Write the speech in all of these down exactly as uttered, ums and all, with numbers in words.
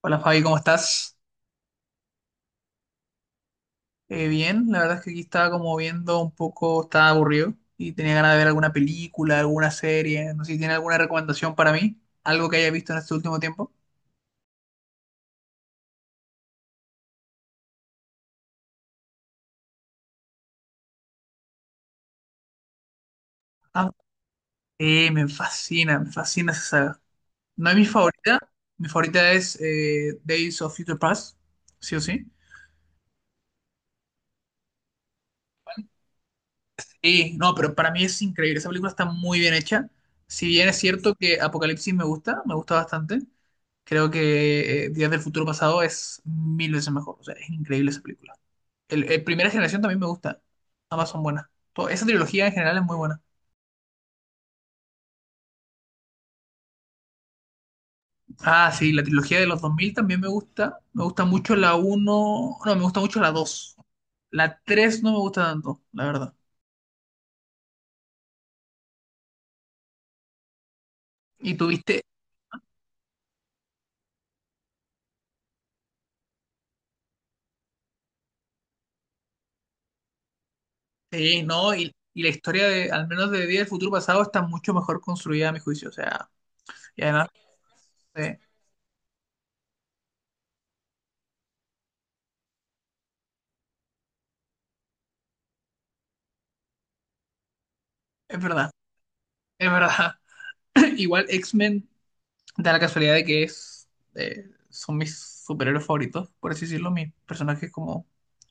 Hola Fabi, ¿cómo estás? Eh, bien, la verdad es que aquí estaba como viendo un poco, estaba aburrido y tenía ganas de ver alguna película, alguna serie, no sé si tiene alguna recomendación para mí, algo que haya visto en este último tiempo. Ah, eh, me fascina, me fascina esa saga. No es mi favorita, mi favorita es eh, Days of Future Past, sí o sí. Sí, no, pero para mí es increíble. Esa película está muy bien hecha. Si bien es cierto que Apocalipsis me gusta, me gusta bastante, creo que eh, Días del Futuro Pasado es mil veces mejor. O sea, es increíble esa película. El, el Primera Generación también me gusta. Ambas son buenas. To- esa trilogía en general es muy buena. Ah, sí, la trilogía de los dos mil también me gusta. Me gusta mucho la uno. No, me gusta mucho la dos. La tres no me gusta tanto, la verdad. ¿Y tuviste? Sí, no, y, y la historia de, al menos de Día del Futuro Pasado, está mucho mejor construida a mi juicio. O sea, y además, eh, es verdad, es verdad. Igual X-Men da la casualidad de que es, eh, son mis superhéroes favoritos, por así decirlo, mis personajes como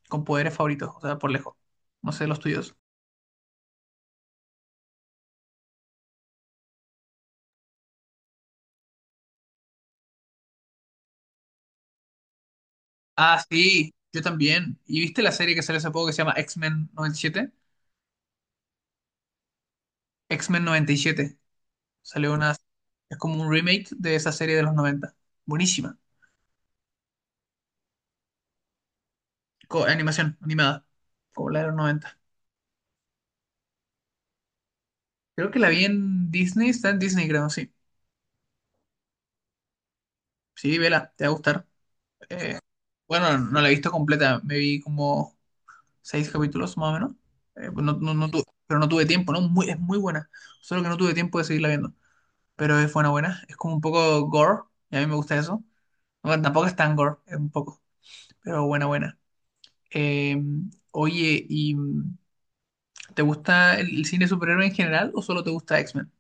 con poderes favoritos, o sea, por lejos. No sé, los tuyos. Ah, sí, yo también. ¿Y viste la serie que salió hace poco que se llama X-Men noventa y siete? X-Men noventa y siete. Salió una. Es como un remake de esa serie de los noventa. Buenísima. co- animación animada, como la de los noventa. Creo que la vi en Disney, está en Disney, creo, sí. Sí, vela, te va a gustar. Bueno, no la he visto completa, me vi como seis capítulos más o menos. Eh, pues no, no, no tu- pero no tuve tiempo, ¿no? Muy, es muy buena, solo que no tuve tiempo de seguirla viendo. Pero es buena, buena. Es como un poco gore, y a mí me gusta eso. Bueno, tampoco es tan gore, es un poco, pero buena, buena. Eh, oye, ¿y mm, te gusta el, el cine superhéroe en general o solo te gusta X-Men?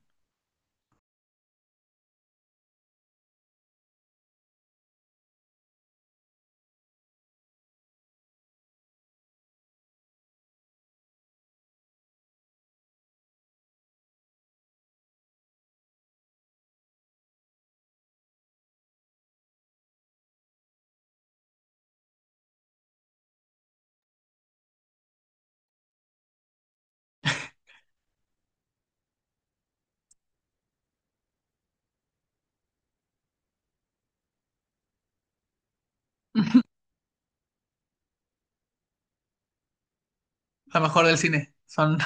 La mejor del cine, son.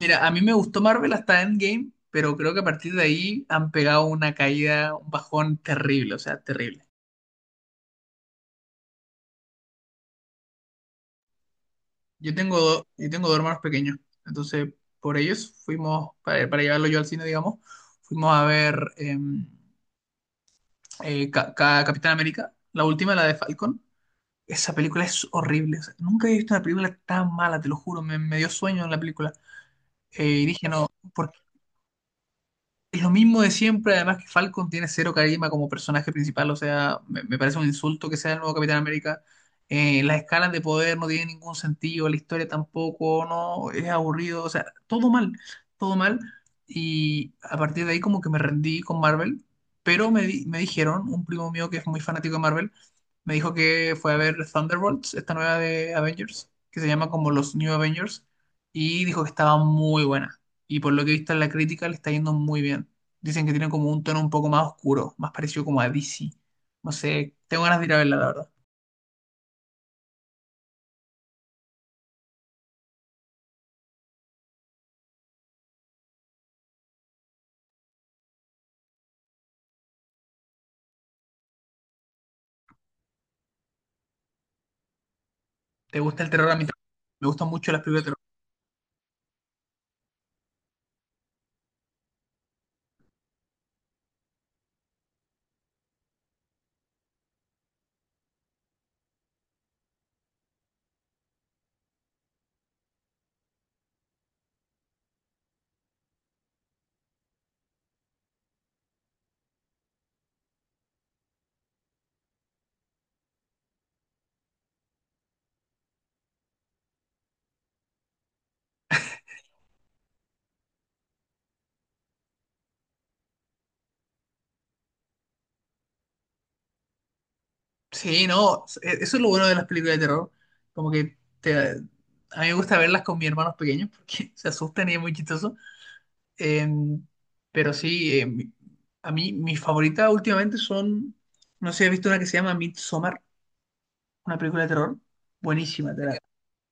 Mira, a mí me gustó Marvel hasta Endgame, pero creo que a partir de ahí han pegado una caída, un bajón terrible, o sea, terrible. Yo tengo, do- yo tengo dos hermanos pequeños, entonces por ellos fuimos, para, para llevarlo yo al cine, digamos, fuimos a ver eh, eh, Ca- Ca- Capitán América, la última, la de Falcon. Esa película es horrible, o sea, nunca he visto una película tan mala, te lo juro, me, me dio sueño en la película. Eh, y dije, no, ¿por Es lo mismo de siempre, además que Falcon tiene cero carisma como personaje principal, o sea, me, me parece un insulto que sea el nuevo Capitán América. Eh, las escalas de poder no tienen ningún sentido, la historia tampoco, no, es aburrido, o sea, todo mal, todo mal. Y a partir de ahí como que me rendí con Marvel, pero me, di- me dijeron, un primo mío que es muy fanático de Marvel, me dijo que fue a ver Thunderbolts, esta nueva de Avengers, que se llama como los New Avengers, y dijo que estaba muy buena y por lo que he visto en la crítica le está yendo muy bien. Dicen que tiene como un tono un poco más oscuro, más parecido como a D C. No sé, tengo ganas de ir a verla, la verdad. ¿Te gusta el terror? A mí también. Me gustan mucho las películas de terror. Sí, no, e- eso es lo bueno de las películas de terror. Como que te, a mí me gusta verlas con mis hermanos pequeños porque se asustan y es muy chistoso. Eh, pero sí, eh, mi- a mí mis favoritas últimamente son, no sé, he visto una que se llama Midsommar, una película de terror. Buenísima, te la,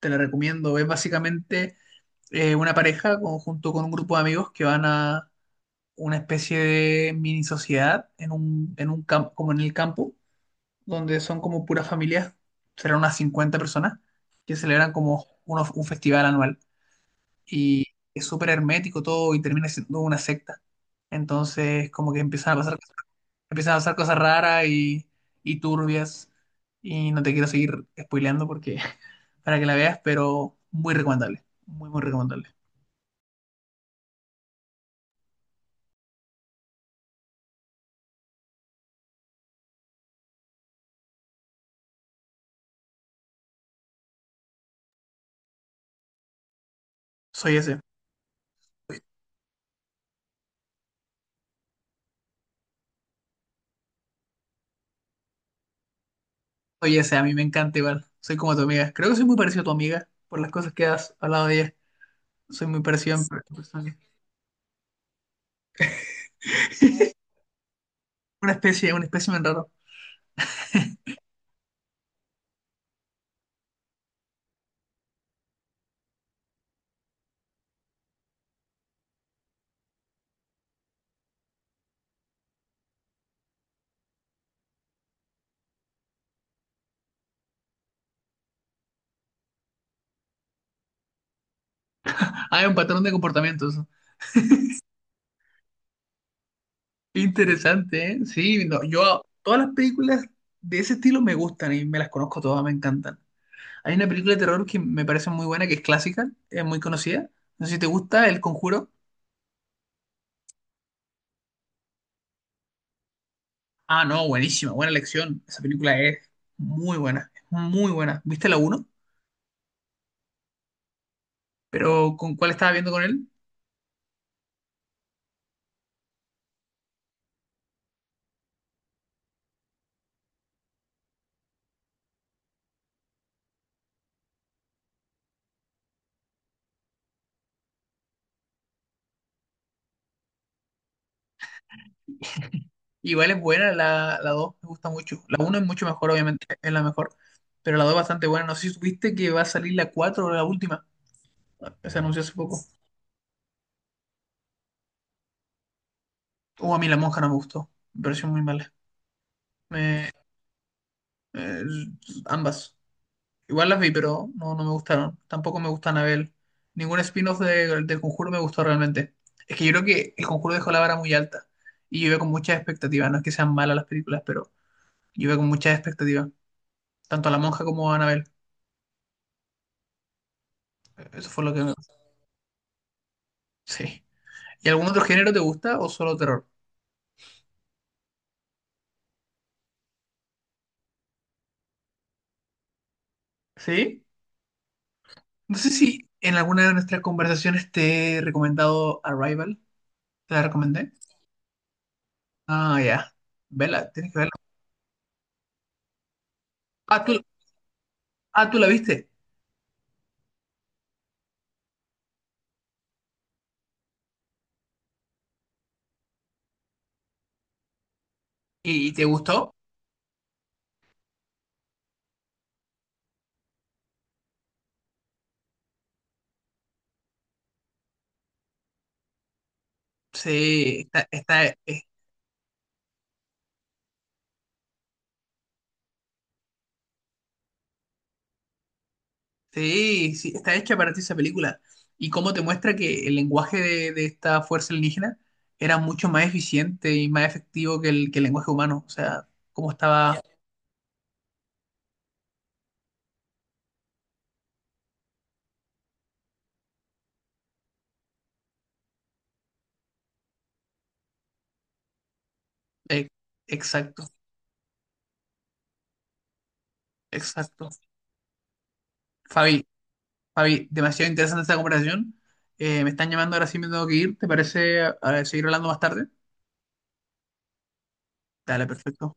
te la recomiendo. Es básicamente eh, una pareja con- junto con un grupo de amigos que van a una especie de mini sociedad en un, en un, campo, como en el campo, donde son como puras familias, serán unas cincuenta personas, que celebran como unos- un festival anual. Y es súper hermético todo y termina siendo una secta. Entonces, como que empiezan a pasar, empiezan a pasar cosas raras y, y turbias. Y no te quiero seguir spoileando porque para que la veas, pero muy recomendable. Muy, muy recomendable. Soy ese. Oye, ese a mí me encanta igual. Soy como tu amiga. Creo que soy muy parecido a tu amiga por las cosas que has hablado de ella. Soy muy parecido en per- persona. Una especie, un espécimen raro. Ah, es un patrón de comportamientos. Interesante, ¿eh? Sí, no, yo todas las películas de ese estilo me gustan y me las conozco todas, me encantan. Hay una película de terror que me parece muy buena, que es clásica, es muy conocida. No sé si te gusta El Conjuro. Ah, no, buenísima, buena elección. Esa película es muy buena, es muy buena. ¿Viste la uno? Pero ¿con cuál estaba viendo con él? Igual es buena la, la dos me gusta mucho. La uno es mucho mejor, obviamente, es la mejor. Pero la dos es bastante buena. No sé si supiste que va a salir la cuatro o la última. Se anunció hace poco. O a mí la monja no me gustó. Me pareció muy mala. Me- eh, ambas. Igual las vi, pero no, no me gustaron. Tampoco me gusta Anabel. Ningún spin-off de- del Conjuro me gustó realmente. Es que yo creo que el Conjuro dejó la vara muy alta. Y yo iba con muchas expectativas. No es que sean malas las películas, pero yo iba con muchas expectativas. Tanto a la monja como a Anabel. Eso fue lo que me. Sí. ¿Y algún otro género te gusta o solo terror? ¿Sí? No sé si en alguna de nuestras conversaciones te he recomendado Arrival. ¿Te la recomendé? Ah, ya. Vela, tienes que verla. Ah, tú, ah, tú la viste. ¿Y, y te gustó? Sí, está, está, eh, sí, sí, está hecha para ti esa película. ¿Y cómo te muestra que el lenguaje de, de esta fuerza alienígena era mucho más eficiente y más efectivo que el, que el, lenguaje humano? O sea, cómo estaba. Eh, exacto, exacto. Fabi, Javi, demasiado interesante esta conversación. Eh, me están llamando, ahora sí me tengo que ir. ¿Te parece eh, seguir hablando más tarde? Dale, perfecto.